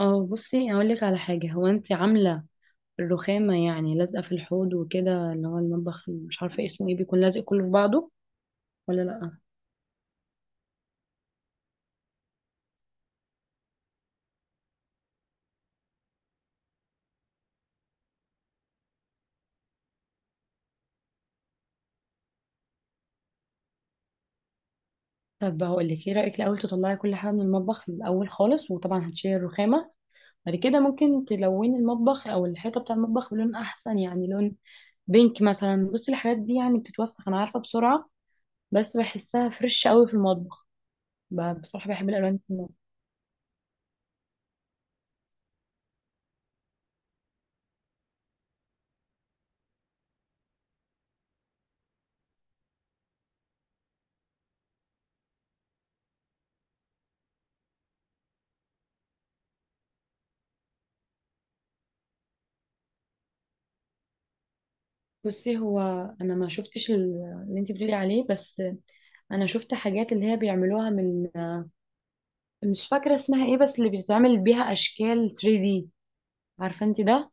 اه، بصي هقول لك على حاجة. هو انت عاملة الرخامة يعني لازقة في الحوض وكده، اللي هو المطبخ مش عارفة اسمه ايه، بيكون لازق كله في بعضه ولا لأ؟ طب هقول لك، ايه رأيك الأول تطلعي كل حاجة من المطبخ الأول خالص، وطبعا هتشيلي الرخامة. بعد كده ممكن تلوني المطبخ أو الحيطة بتاع المطبخ بلون أحسن، يعني لون بينك مثلا. بصي الحاجات دي يعني بتتوسخ أنا عارفة بسرعة، بس بحسها فريش قوي في المطبخ. ب- بصراحة بحب الألوان. بصي هو، انا ما شفتش اللي انت بتقولي عليه، بس انا شفت حاجات اللي هي بيعملوها من، مش فاكره اسمها ايه، بس اللي بتتعمل بيها اشكال 3D. عارفه انت ده؟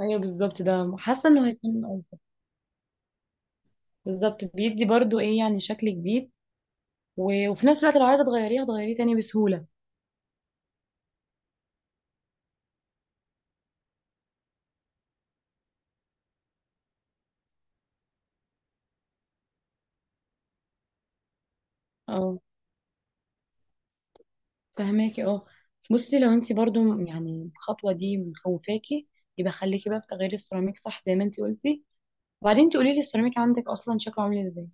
ايوه بالظبط، ده حاسه انه هيكون ألطف. بالظبط، بيدي برضو ايه يعني شكل جديد. و- وفي نفس الوقت لو عايزه تغيريه هتغيريه تاني بسهوله. اه، فهماكي اه. بصي لو انت برضو يعني الخطوه دي مخوفاكي، يبقى خليكي بقى في تغيير السيراميك صح زي ما انت قلتي، وبعدين تقولي لي السيراميك عندك اصلا شكله عامل ازاي؟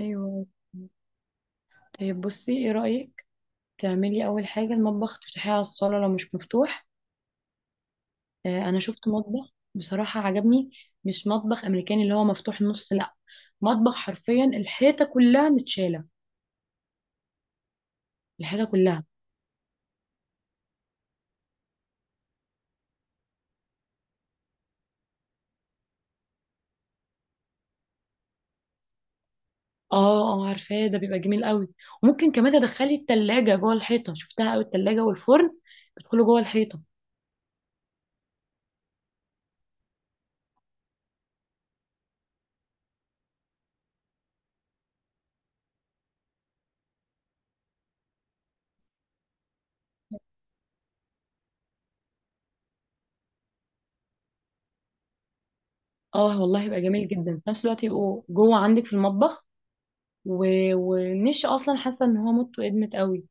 ايوه. طيب بصي، ايه رأيك تعملي اول حاجة المطبخ تفتحيه على الصالة لو مش مفتوح؟ آه، انا شفت مطبخ بصراحة عجبني. مش مطبخ امريكاني اللي هو مفتوح نص، لا، مطبخ حرفيا الحيطة كلها متشالة، الحاجة كلها. اه اه، عارفاه ده بيبقى جميل قوي. وممكن كمان تدخلي التلاجة جوه الحيطة، شفتها قوي التلاجة والفرن بيدخلوا جوه الحيطة. اه والله يبقى جميل جدا، في نفس الوقت يبقوا جوه عندك في المطبخ. و... والنش اصلا حاسه ان هو مدته ادمت قوي.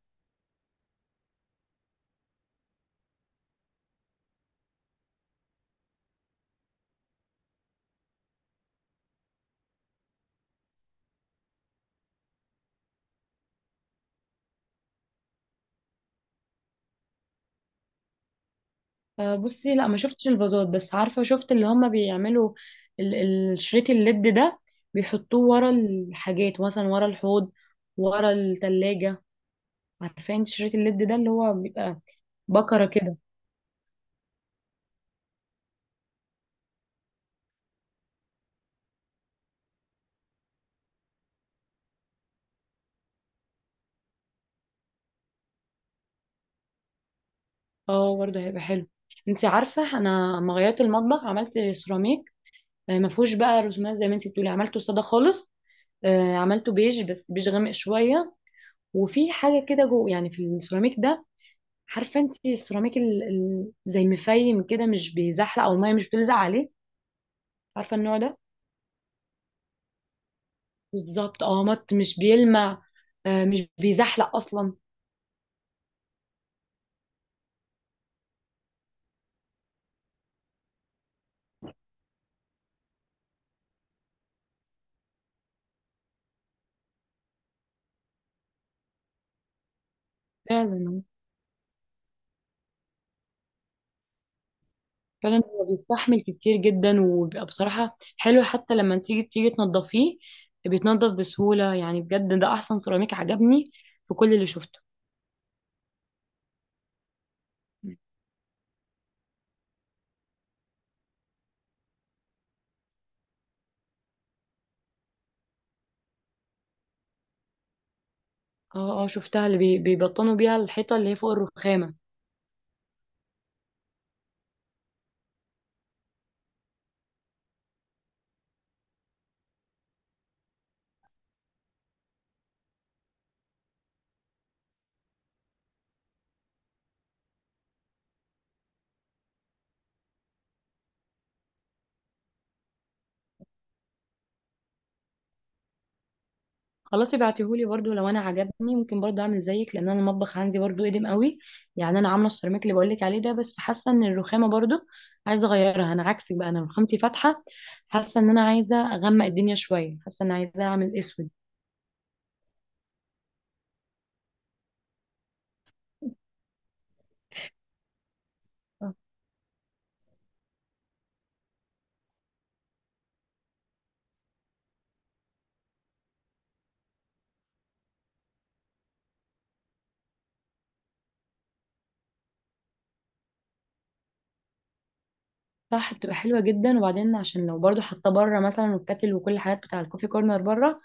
آه، بصي لا ما شفتش الفازات، بس عارفه شفت اللي هما بيعملوا ال- الشريط الليد ده، بيحطوه ورا الحاجات، مثلا ورا الحوض، ورا التلاجة. عارفه انت شريط الليد ده اللي هو بيبقى بكره كده؟ اه برضه هيبقى حلو. انت عارفه انا لما غيرت المطبخ عملت سيراميك، ما فيهوش بقى رسومات زي ما انت بتقولي، عملته ساده خالص. عملته بيج، بس بيج غامق شويه. وفي حاجه كده جوه يعني في السيراميك ده. عارفه انت السيراميك زي مفيم كده مش بيزحلق، او الميه مش بتلزق عليه. عارفه النوع ده. بالظبط اه، مط مش بيلمع. آه، مش بيزحلق اصلا. فعلا. فعلا هو بيستحمل كتير جدا، وبيبقى بصراحه حلو، حتى لما تيجي تنضفيه بيتنضف بسهوله، يعني بجد ده احسن سيراميك عجبني في كل اللي شفته. اه اه، شفتها اللي بي- بيبطنوا بيها الحيطه اللي هي فوق الرخامه. خلاص ابعتيهولي برضو، لو انا عجبني ممكن برضو اعمل زيك، لان انا المطبخ عندي برضو قديم قوي. يعني انا عامله السيراميك اللي بقولك عليه ده، بس حاسه ان الرخامه برضو عايزه اغيرها. انا عكسك بقى، انا رخامتي فاتحه، حاسه ان انا عايزه اغمق الدنيا شويه، حاسه ان عايزه اعمل اسود. صح، بتبقى حلوه جدا. وبعدين عشان لو برضو حاطه بره مثلا، والكاتل وكل الحاجات بتاع الكوفي كورنر بره،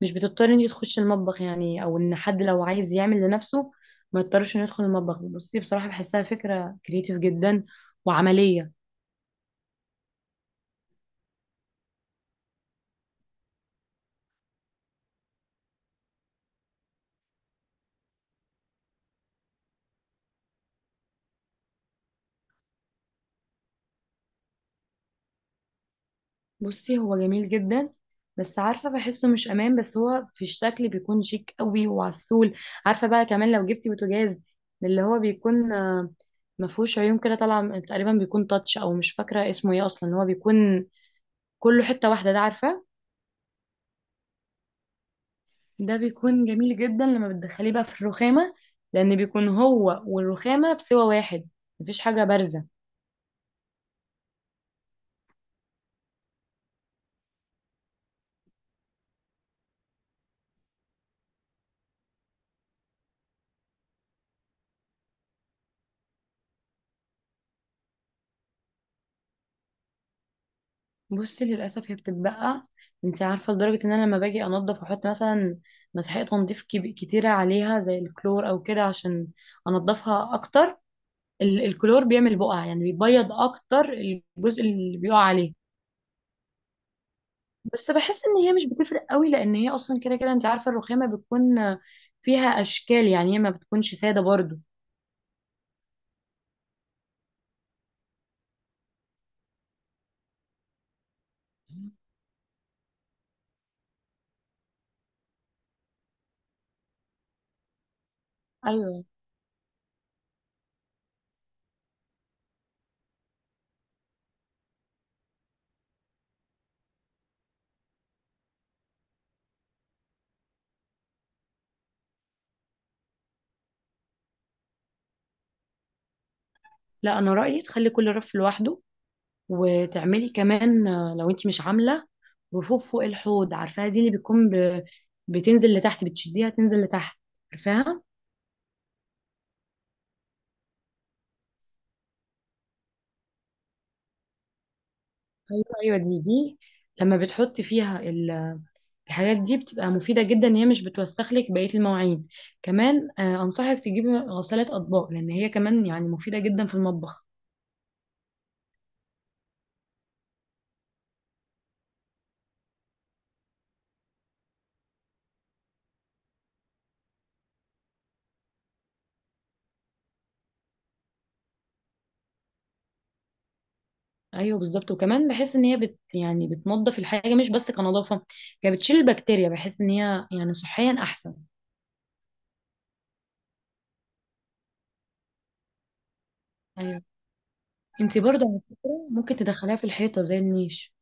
مش بتضطري انتي تخشي المطبخ يعني، او ان حد لو عايز يعمل لنفسه ما يضطرش انه يدخل المطبخ. بصي بصراحه بحسها فكره كريتيف جدا وعمليه. بصي هو جميل جدا، بس عارفه بحسه مش امان، بس هو في الشكل بيكون شيك قوي وعسول. عارفه بقى، كمان لو جبتي بوتاجاز من اللي هو بيكون ما فيهوش عيون كده طالعه تقريبا، بيكون تاتش او مش فاكره اسمه ايه اصلا، هو بيكون كله حته واحده ده، عارفه؟ ده بيكون جميل جدا لما بتدخليه بقى في الرخامه، لان بيكون هو والرخامه بسوى واحد، مفيش حاجه بارزه. بصي للاسف هي بتتبقى. انت عارفه لدرجه ان انا لما باجي انضف واحط مثلا مسحوق تنظيف كتيره عليها زي الكلور او كده عشان انضفها اكتر، الكلور بيعمل بقع، يعني بيبيض اكتر الجزء اللي بيقع عليه. بس بحس ان هي مش بتفرق قوي، لان هي اصلا كده كده انت عارفه الرخامه بتكون فيها اشكال، يعني هي ما بتكونش ساده برضو. ايوه. لا انا رايي تخلي كل رف لوحده، وتعملي كمان لو انت مش عامله رفوف فوق الحوض، عارفاها دي اللي بتكون بتنزل لتحت، بتشديها تنزل لتحت، عارفاها؟ ايوه ايوه، دي دي لما بتحطي فيها الحاجات دي بتبقى مفيده جدا ان هي مش بتوسخ لك بقيه المواعين. كمان انصحك تجيبي غساله اطباق، لان هي كمان يعني مفيده جدا في المطبخ. ايوه بالظبط، وكمان بحس ان هي يعني بتنظف الحاجه مش بس كنظافه، هي بتشيل البكتيريا، بحس ان هي يعني صحيا احسن. ايوه. انتي برضه على فكرة ممكن تدخليها في الحيطة زي النيش.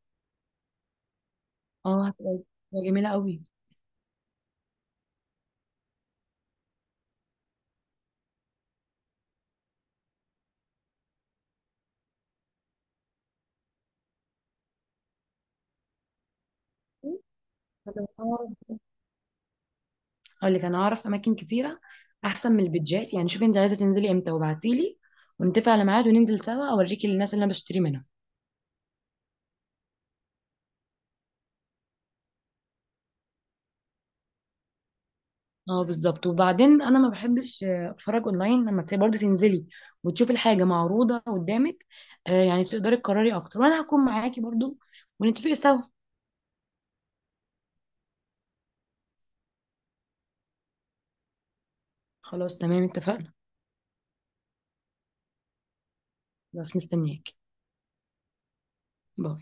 اه، هتبقى جميلة قوي. انا أعرف- اقول لك، انا اعرف اماكن كتيرة احسن من البيتجات، يعني شوفي انت عايزة تنزلي امتى وابعتيلي، ونتفق على ميعاد وننزل سوا اوريكي الناس اللي انا بشتري منها. اه بالظبط، وبعدين انا ما بحبش اتفرج اونلاين. لما تبقي برضه تنزلي وتشوفي الحاجة معروضة قدامك، يعني تقدري تقرري اكتر، وانا هكون معاكي برضه، ونتفق سوا. خلاص تمام، اتفقنا. بس مستنياكي. باي.